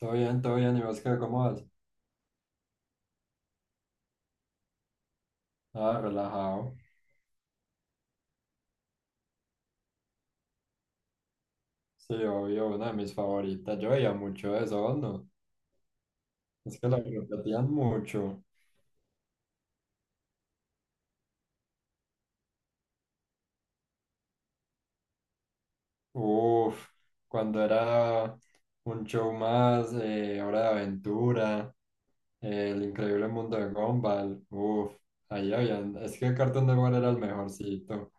Todo bien, ¿y vos qué, cómo vas? Ah, relajado. Sí, obvio, una de mis favoritas. Yo veía mucho eso, ¿vos no? Es que la repetían mucho. Uf, cuando era un show más, Hora de Aventura, El Increíble Mundo de Gumball. Uf, ahí habían. Es que Cartoon Network era el mejorcito.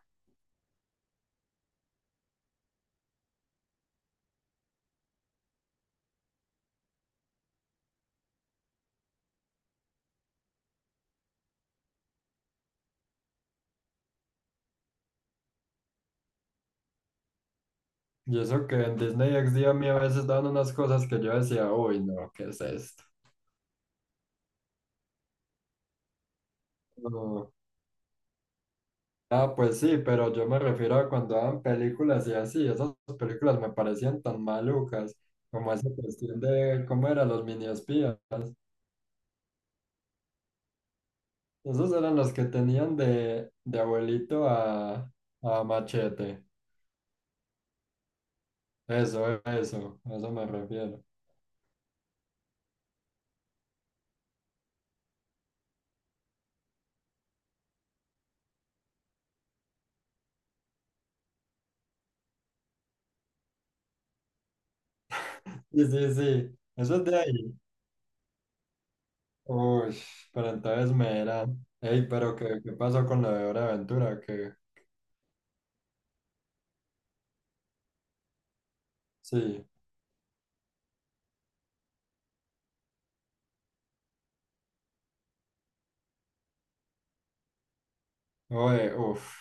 Y eso que en Disney XD a mí a veces daban unas cosas que yo decía, uy, no, ¿qué es esto? No. Ah, pues sí, pero yo me refiero a cuando daban películas y así, esas películas me parecían tan malucas, como esa cuestión de cómo eran los mini espías. Esos eran los que tenían de abuelito a machete. Eso, a eso me refiero. Sí, sí, sí, eso es de ahí. Uy, pero entonces me eran. Ey, pero ¿qué, qué pasó con la de Hora de Aventura? Que sí. Oye, uff,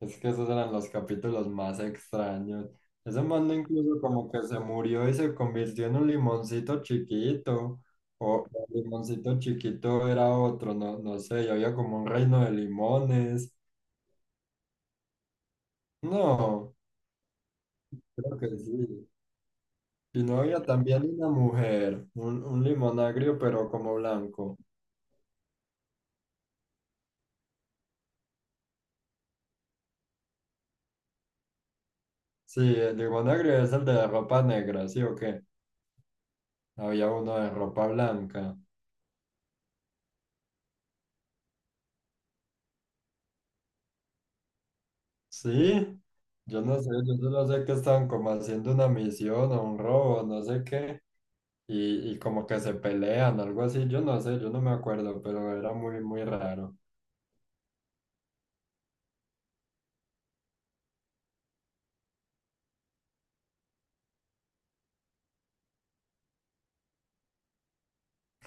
es que esos eran los capítulos más extraños. Ese mando incluso como que se murió y se convirtió en un limoncito chiquito. O limoncito chiquito era otro, no, no sé, y había como un reino de limones. No, creo que sí. Y no había también una mujer, un limonagrio pero como blanco. Sí, el limonagrio es el de ropa negra, ¿sí o qué? Había uno de ropa blanca. Sí, yo no sé, yo solo sé que estaban como haciendo una misión o un robo, no sé qué, y como que se pelean, algo así, yo no sé, yo no me acuerdo, pero era muy, muy raro.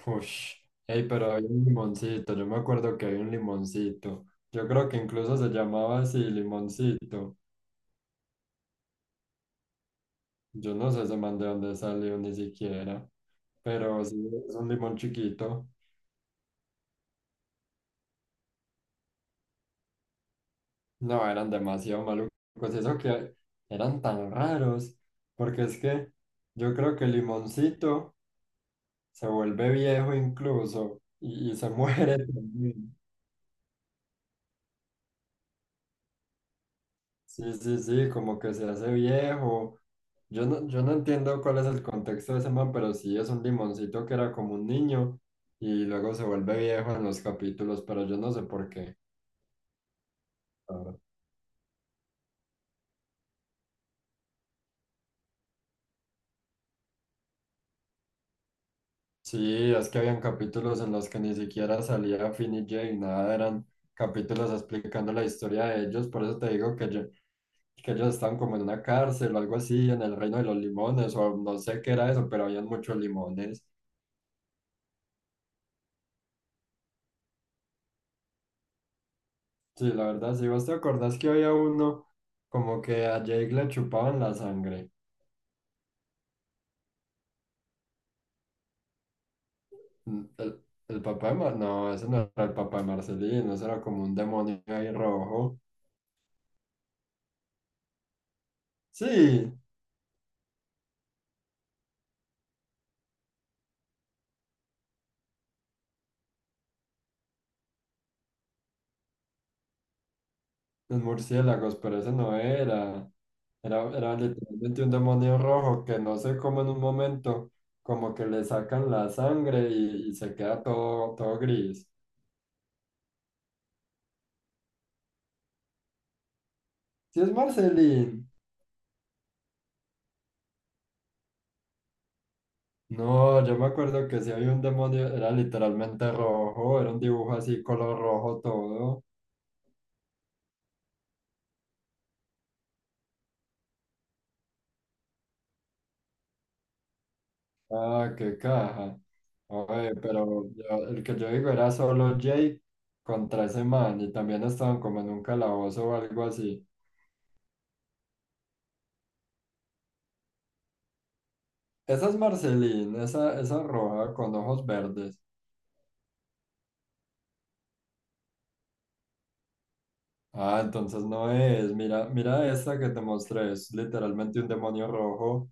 Ush, ey, pero había un limoncito, yo me acuerdo que había un limoncito, yo creo que incluso se llamaba así, limoncito, yo no sé ese man de dónde salió ni siquiera, pero sí, es un limón chiquito. No, eran demasiado malucos. Eso que eran tan raros. Porque es que yo creo que Limoncito se vuelve viejo incluso y se muere también. Sí, sí, sí, como que se hace viejo. Yo no entiendo cuál es el contexto de ese man, pero sí es un limoncito que era como un niño y luego se vuelve viejo en los capítulos, pero yo no sé por qué. Sí, es que habían capítulos en los que ni siquiera salía Finn y Jake, nada, eran capítulos explicando la historia de ellos, por eso te digo que, yo- que ellos estaban como en una cárcel o algo así, en el reino de los limones, o no sé qué era eso, pero habían muchos limones. Sí, la verdad, si vos te acordás que había uno como que a Jake le chupaban la sangre. Mm, el papá de Mar- no, ese no era el papá de Marcelino, ese era como un demonio ahí rojo. Sí. Los murciélagos, pero ese no era. Era literalmente un demonio rojo que no sé cómo en un momento como que le sacan la sangre y se queda todo, todo gris. Si es Marcelín. No, yo me acuerdo que si había un demonio, era literalmente rojo, era un dibujo así, color rojo todo. Ah, qué caja. Oye, pero yo- el que yo digo era solo Jake contra ese man y también estaban como en un calabozo o algo así. Esa es Marceline, esa roja con ojos verdes. Ah, entonces no es. Mira, mira esta que te mostré. Es literalmente un demonio rojo.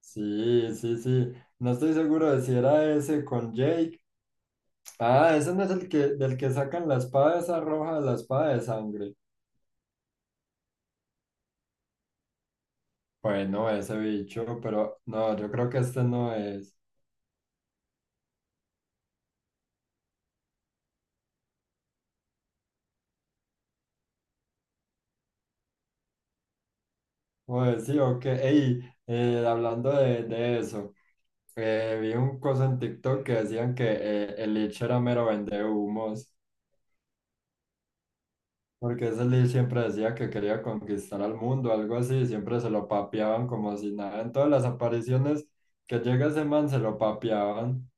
Sí, sí, sí. No estoy seguro de si era ese con Jake. Ah, ese no es el que, del que sacan la espada esa roja, la espada de sangre. Bueno, ese bicho, pero no, yo creo que este no es. Pues sí, ok. Ey, hablando de eso. Vi un cosa en TikTok que decían que el Lich era mero vendehumos. Porque ese Lee siempre decía que quería conquistar al mundo, algo así, siempre se lo papeaban como si nada. En todas las apariciones que llega ese man se lo papeaban.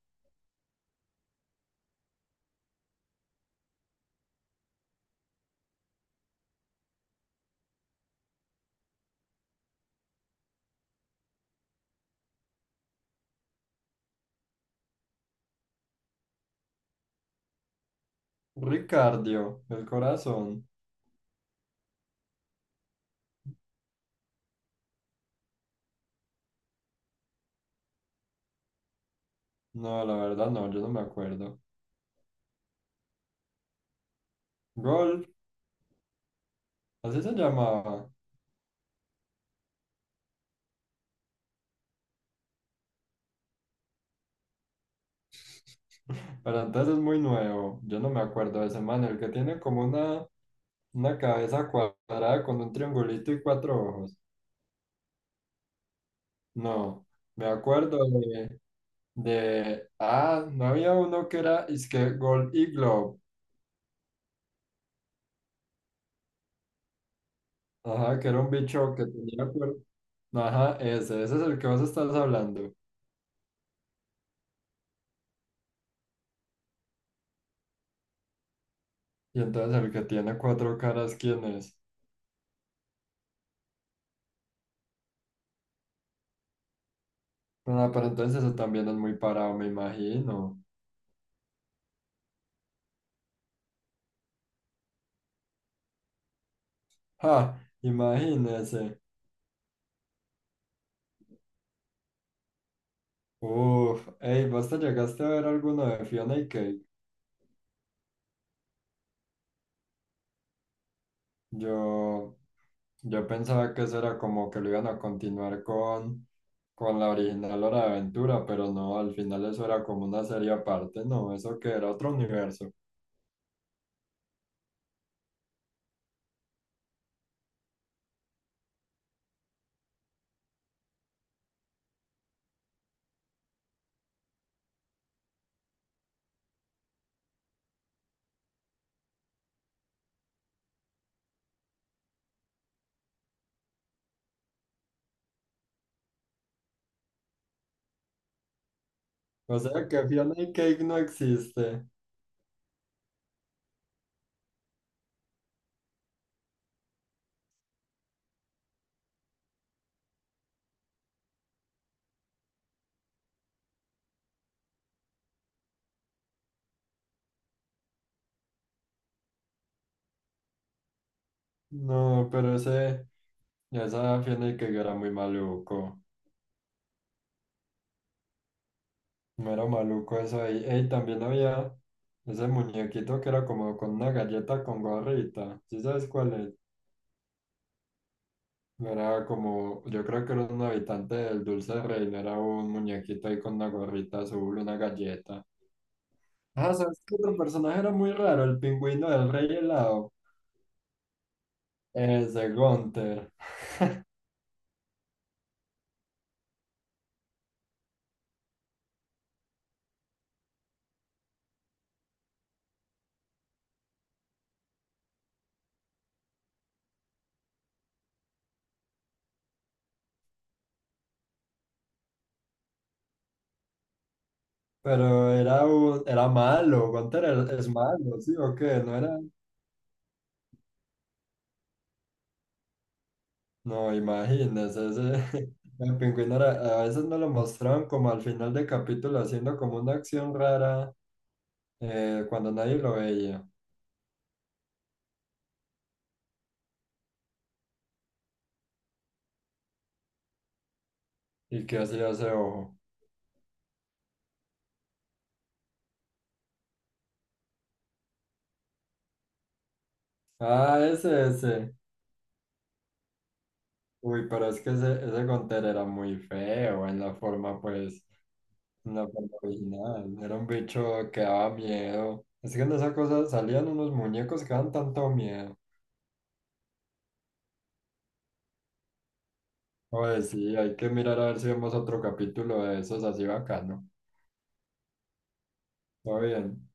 Ricardio, el corazón. No, la verdad no, yo no me acuerdo. Gol, así se llamaba. Pero entonces es muy nuevo, yo no me acuerdo de ese man, el que tiene como una cabeza cuadrada con un triangulito y cuatro ojos. No, me acuerdo de, ah, no había uno que era, es que Gold Iglo, ajá, que era un bicho que tenía, cuer- ajá, ese es el que vos estás hablando. Y entonces el que tiene cuatro caras, ¿quién es? Ah, pero entonces eso también es muy parado, me imagino. Ja, imagínese. Uf, ey, ¿vos te llegaste a ver alguno de Fiona y Cake? Yo, Yo pensaba que eso era como que lo iban a continuar con la original Hora de Aventura, pero no, al final eso era como una serie aparte, no, eso que era otro universo. O sea que Fiona y Cake no existe. No, pero ese, esa Fiona y Cake era muy maluco. No era maluco eso ahí. Ey, también había ese muñequito que era como con una galleta con gorrita. ¿Sí sabes cuál es? No era como, yo creo que era un habitante del Dulce Rey, no era un muñequito ahí con una gorrita azul, una galleta. Ah, ¿sabes qué otro personaje era muy raro? El pingüino del Rey Helado, ese Gunther. Pero era, un- era malo, Gunther era- es malo, ¿sí o qué? No era, no, imagínese, ese, el pingüino era- a veces no lo mostraban como al final del capítulo haciendo como una acción rara cuando nadie lo veía. ¿Y qué hacía ese ojo? Ah, ese, ese. Uy, pero es que ese Gonter era muy feo en la forma, pues, en la forma original. Era un bicho que daba miedo. Es que en esa cosa salían unos muñecos que daban tanto miedo. Oye, sí, hay que mirar a ver si vemos otro capítulo de esos así bacano. Todo bien.